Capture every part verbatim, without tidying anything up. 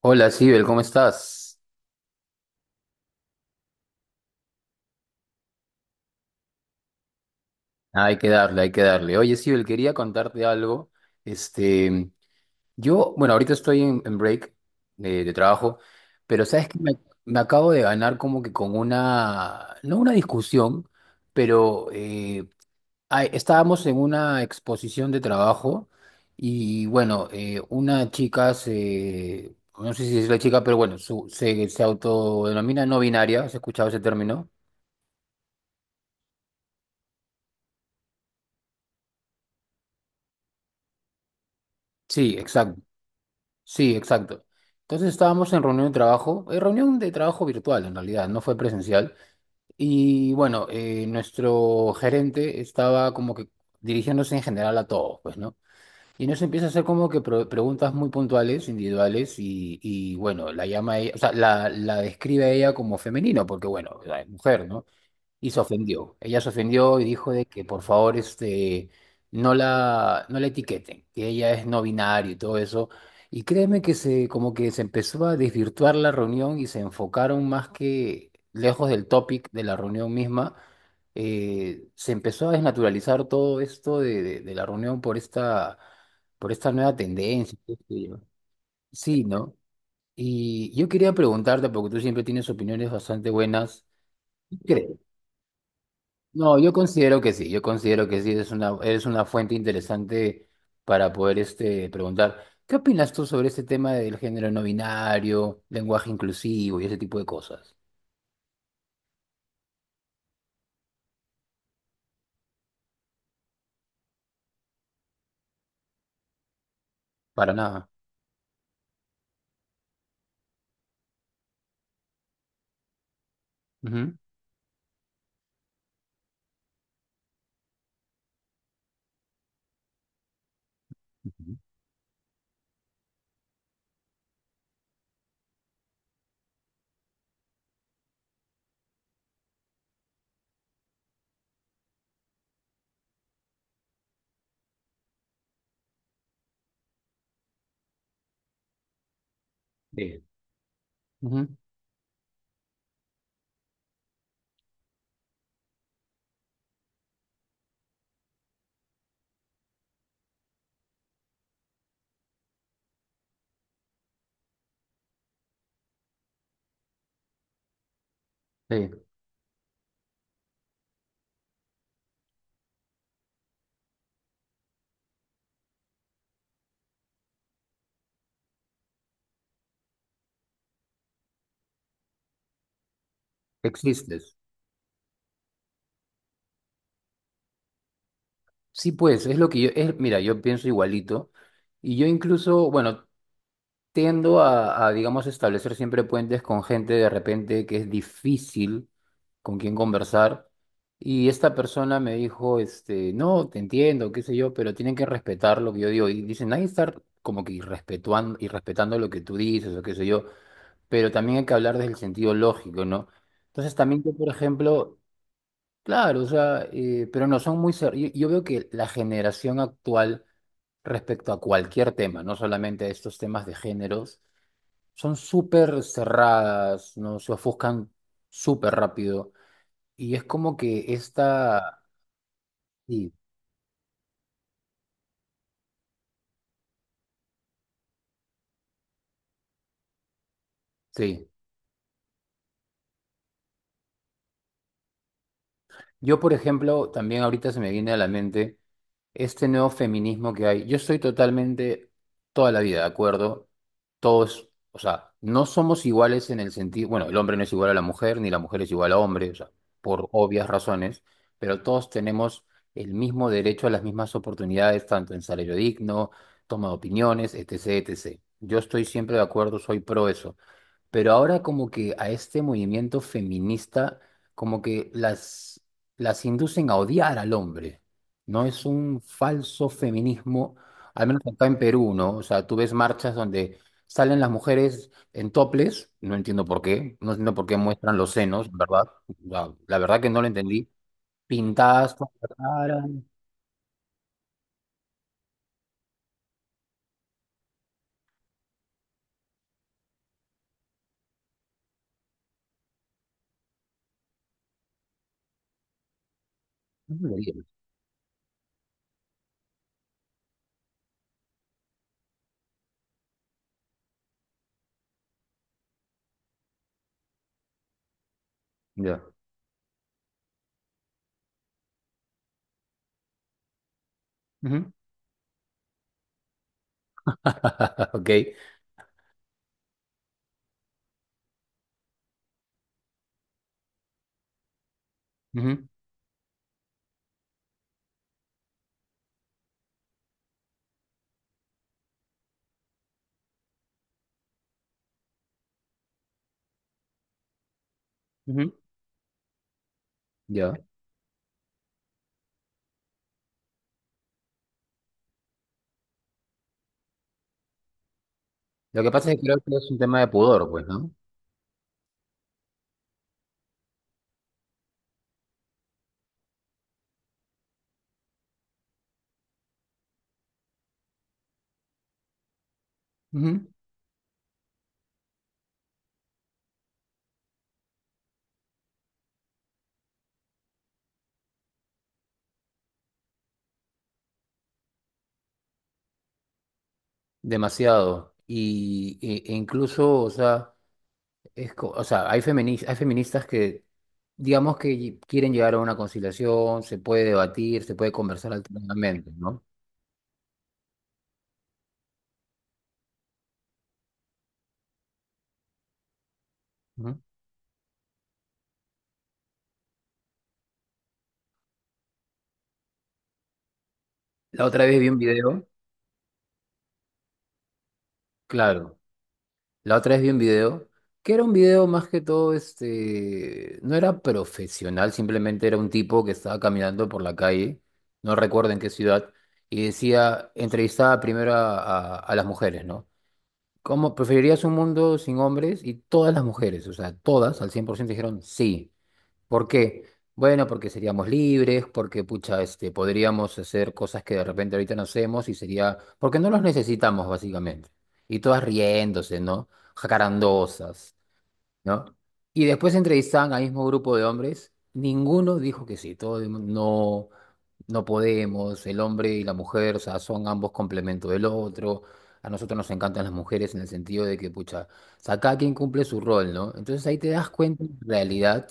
Hola, Sibel, ¿cómo estás? Ah, Hay que darle, hay que darle. Oye, Sibel, quería contarte algo. Este, yo, bueno, ahorita estoy en, en break de, de trabajo, pero sabes que me, me acabo de ganar como que con una, no una discusión, pero eh, ah, estábamos en una exposición de trabajo y bueno, eh, una chica se, no sé si es la chica, pero bueno, su- se, se autodenomina no binaria. ¿Has escuchado ese término? Sí, exacto. Sí, exacto. Entonces estábamos en reunión de trabajo, eh, reunión de trabajo virtual en realidad, no fue presencial. Y bueno, eh, nuestro gerente estaba como que dirigiéndose en general a todos, pues, ¿no? Y nos empieza a hacer como que pro- preguntas muy puntuales, individuales, y, y bueno, la llama a ella, o sea, la, la describe a ella como femenino, porque bueno, o sea, es mujer, ¿no? Y se ofendió. Ella se ofendió y dijo de que por favor este, no la, no la etiqueten, que ella es no binario y todo eso. Y créeme que se, como que se empezó a desvirtuar la reunión y se enfocaron más que lejos del topic de la reunión misma. Eh, se empezó a desnaturalizar todo esto de, de- de la reunión por esta, por esta nueva tendencia, qué sé yo. Sí, ¿no? Y yo quería preguntarte, porque tú siempre tienes opiniones bastante buenas. ¿Crees? No, yo considero que sí, yo considero que sí, es una, es una fuente interesante para poder este, preguntar, ¿qué opinas tú sobre este tema del género no binario, lenguaje inclusivo y ese tipo de cosas? Para nada. Ujú. Ujú. Sí. Ujú. Sí. Existes. Sí, pues, es lo que yo, es, mira, yo pienso igualito y yo incluso, bueno, tiendo a, a, digamos, establecer siempre puentes con gente de repente que es difícil con quien conversar. Y esta persona me dijo, este, no, te entiendo, qué sé yo, pero tienen que respetar lo que yo digo. Y dicen, hay que estar como que irrespetuando, irrespetando lo que tú dices o qué sé yo, pero también hay que hablar desde el sentido lógico, ¿no? Entonces también yo, por ejemplo, claro, o sea, eh, pero no son muy... cer- Yo, yo veo que la generación actual respecto a cualquier tema, no solamente a estos temas de géneros, son súper cerradas, ¿no? Se ofuscan súper rápido. Y es como que esta... Sí, sí. Yo, por ejemplo, también ahorita se me viene a la mente este nuevo feminismo que hay. Yo estoy totalmente, toda la vida, ¿de acuerdo? Todos, o sea, no somos iguales en el sentido, bueno, el hombre no es igual a la mujer, ni la mujer es igual a hombre, o sea, por obvias razones, pero todos tenemos el mismo derecho a las mismas oportunidades, tanto en salario digno, toma de opiniones, etcétera, etcétera. Yo estoy siempre de acuerdo, soy pro eso. Pero ahora como que a este movimiento feminista como que las, las inducen a odiar al hombre, ¿no? Es un falso feminismo, al menos acá en Perú, ¿no? O sea, tú ves marchas donde salen las mujeres en toples, no entiendo por qué, no entiendo por qué muestran los senos, ¿verdad? La, la verdad que no lo entendí, pintadas con la cara, ya. Ujú. Ok. Ujú, ujú, ya. Lo que pasa es que creo que es un tema de pudor, pues, ¿no? Ujú. Demasiado. Y, e- e incluso, o sea, es, co- o sea, hay feminis- hay feministas que, digamos que ll- quieren llegar a una conciliación, se puede debatir, se puede conversar alternadamente, ¿no? Ujú. La otra vez vi un video, claro, la otra vez vi un video, que era un video más que todo, este, no era profesional, simplemente era un tipo que estaba caminando por la calle, no recuerdo en qué ciudad, y decía, entrevistaba primero a a- a las mujeres, ¿no? ¿Cómo preferirías un mundo sin hombres? Y todas las mujeres, o sea, todas al cien por ciento dijeron sí. ¿Por qué? Bueno, porque seríamos libres, porque pucha, este, podríamos hacer cosas que de repente ahorita no hacemos y sería, porque no los necesitamos básicamente. Y todas riéndose, ¿no? Jacarandosas, ¿no? Y después entrevistaban al mismo grupo de hombres, ninguno dijo que sí, todo el mundo, no, no podemos, el hombre y la mujer, o sea, son ambos complemento del otro. A nosotros nos encantan las mujeres en el sentido de que, pucha, o sea, cada quien cumple su rol, ¿no? Entonces ahí te das cuenta en realidad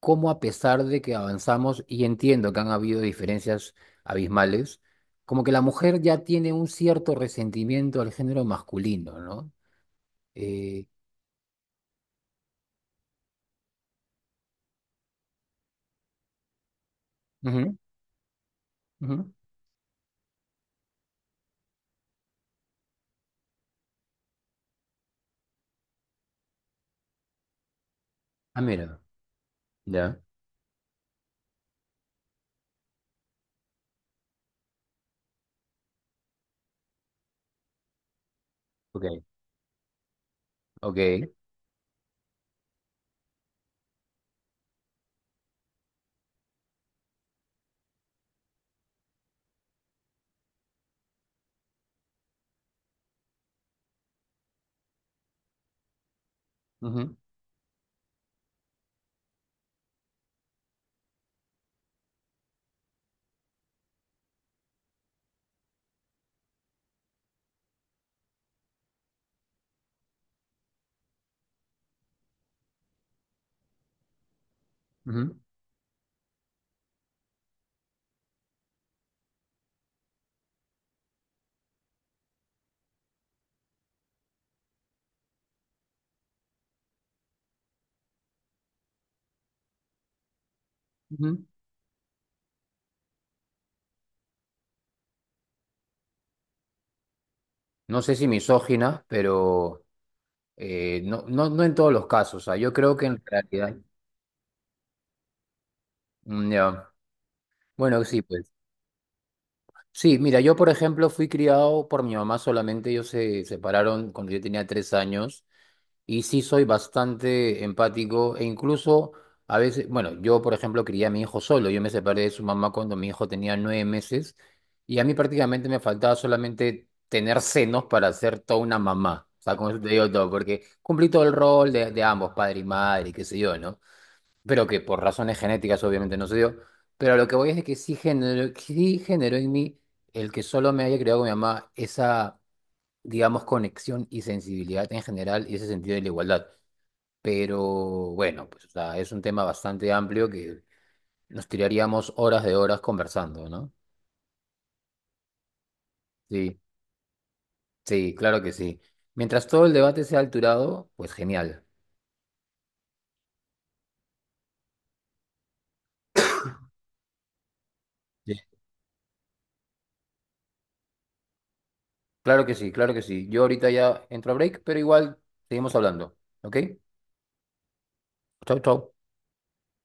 cómo a pesar de que avanzamos, y entiendo que han habido diferencias abismales, como que la mujer ya tiene un cierto resentimiento al género masculino, ¿no? Eh, ujú, ujú. Ah, mira, ya, ok, ok. Ujú, ujú, ujú. No sé si misógina, pero... Eh, no, no, no en todos los casos, o sea, yo creo que en realidad, mm, ya. Bueno, sí, pues. Sí, mira, yo por ejemplo fui criado por mi mamá solamente, ellos se separaron cuando yo tenía tres años y sí soy bastante empático e incluso a veces, bueno, yo por ejemplo crié a mi hijo solo, yo me separé de su mamá cuando mi hijo tenía nueve meses y a mí prácticamente me faltaba solamente tener senos para ser toda una mamá, o sea, con eso te digo todo, porque cumplí todo el rol de, de ambos, padre y madre, qué sé yo, ¿no? Pero que por razones genéticas obviamente no se dio. Pero a lo que voy es de que sí generó, sí generó en mí el que solo me haya creado con mi mamá esa, digamos, conexión y sensibilidad en general y ese sentido de la igualdad. Pero bueno, pues o sea, es un tema bastante amplio que nos tiraríamos horas de horas conversando, ¿no? Sí, sí, claro que sí. Mientras todo el debate sea alturado, pues genial. Sí. Claro que sí, claro que sí. Yo ahorita ya entro a break, pero igual seguimos hablando, ¿ok? Chau, chau.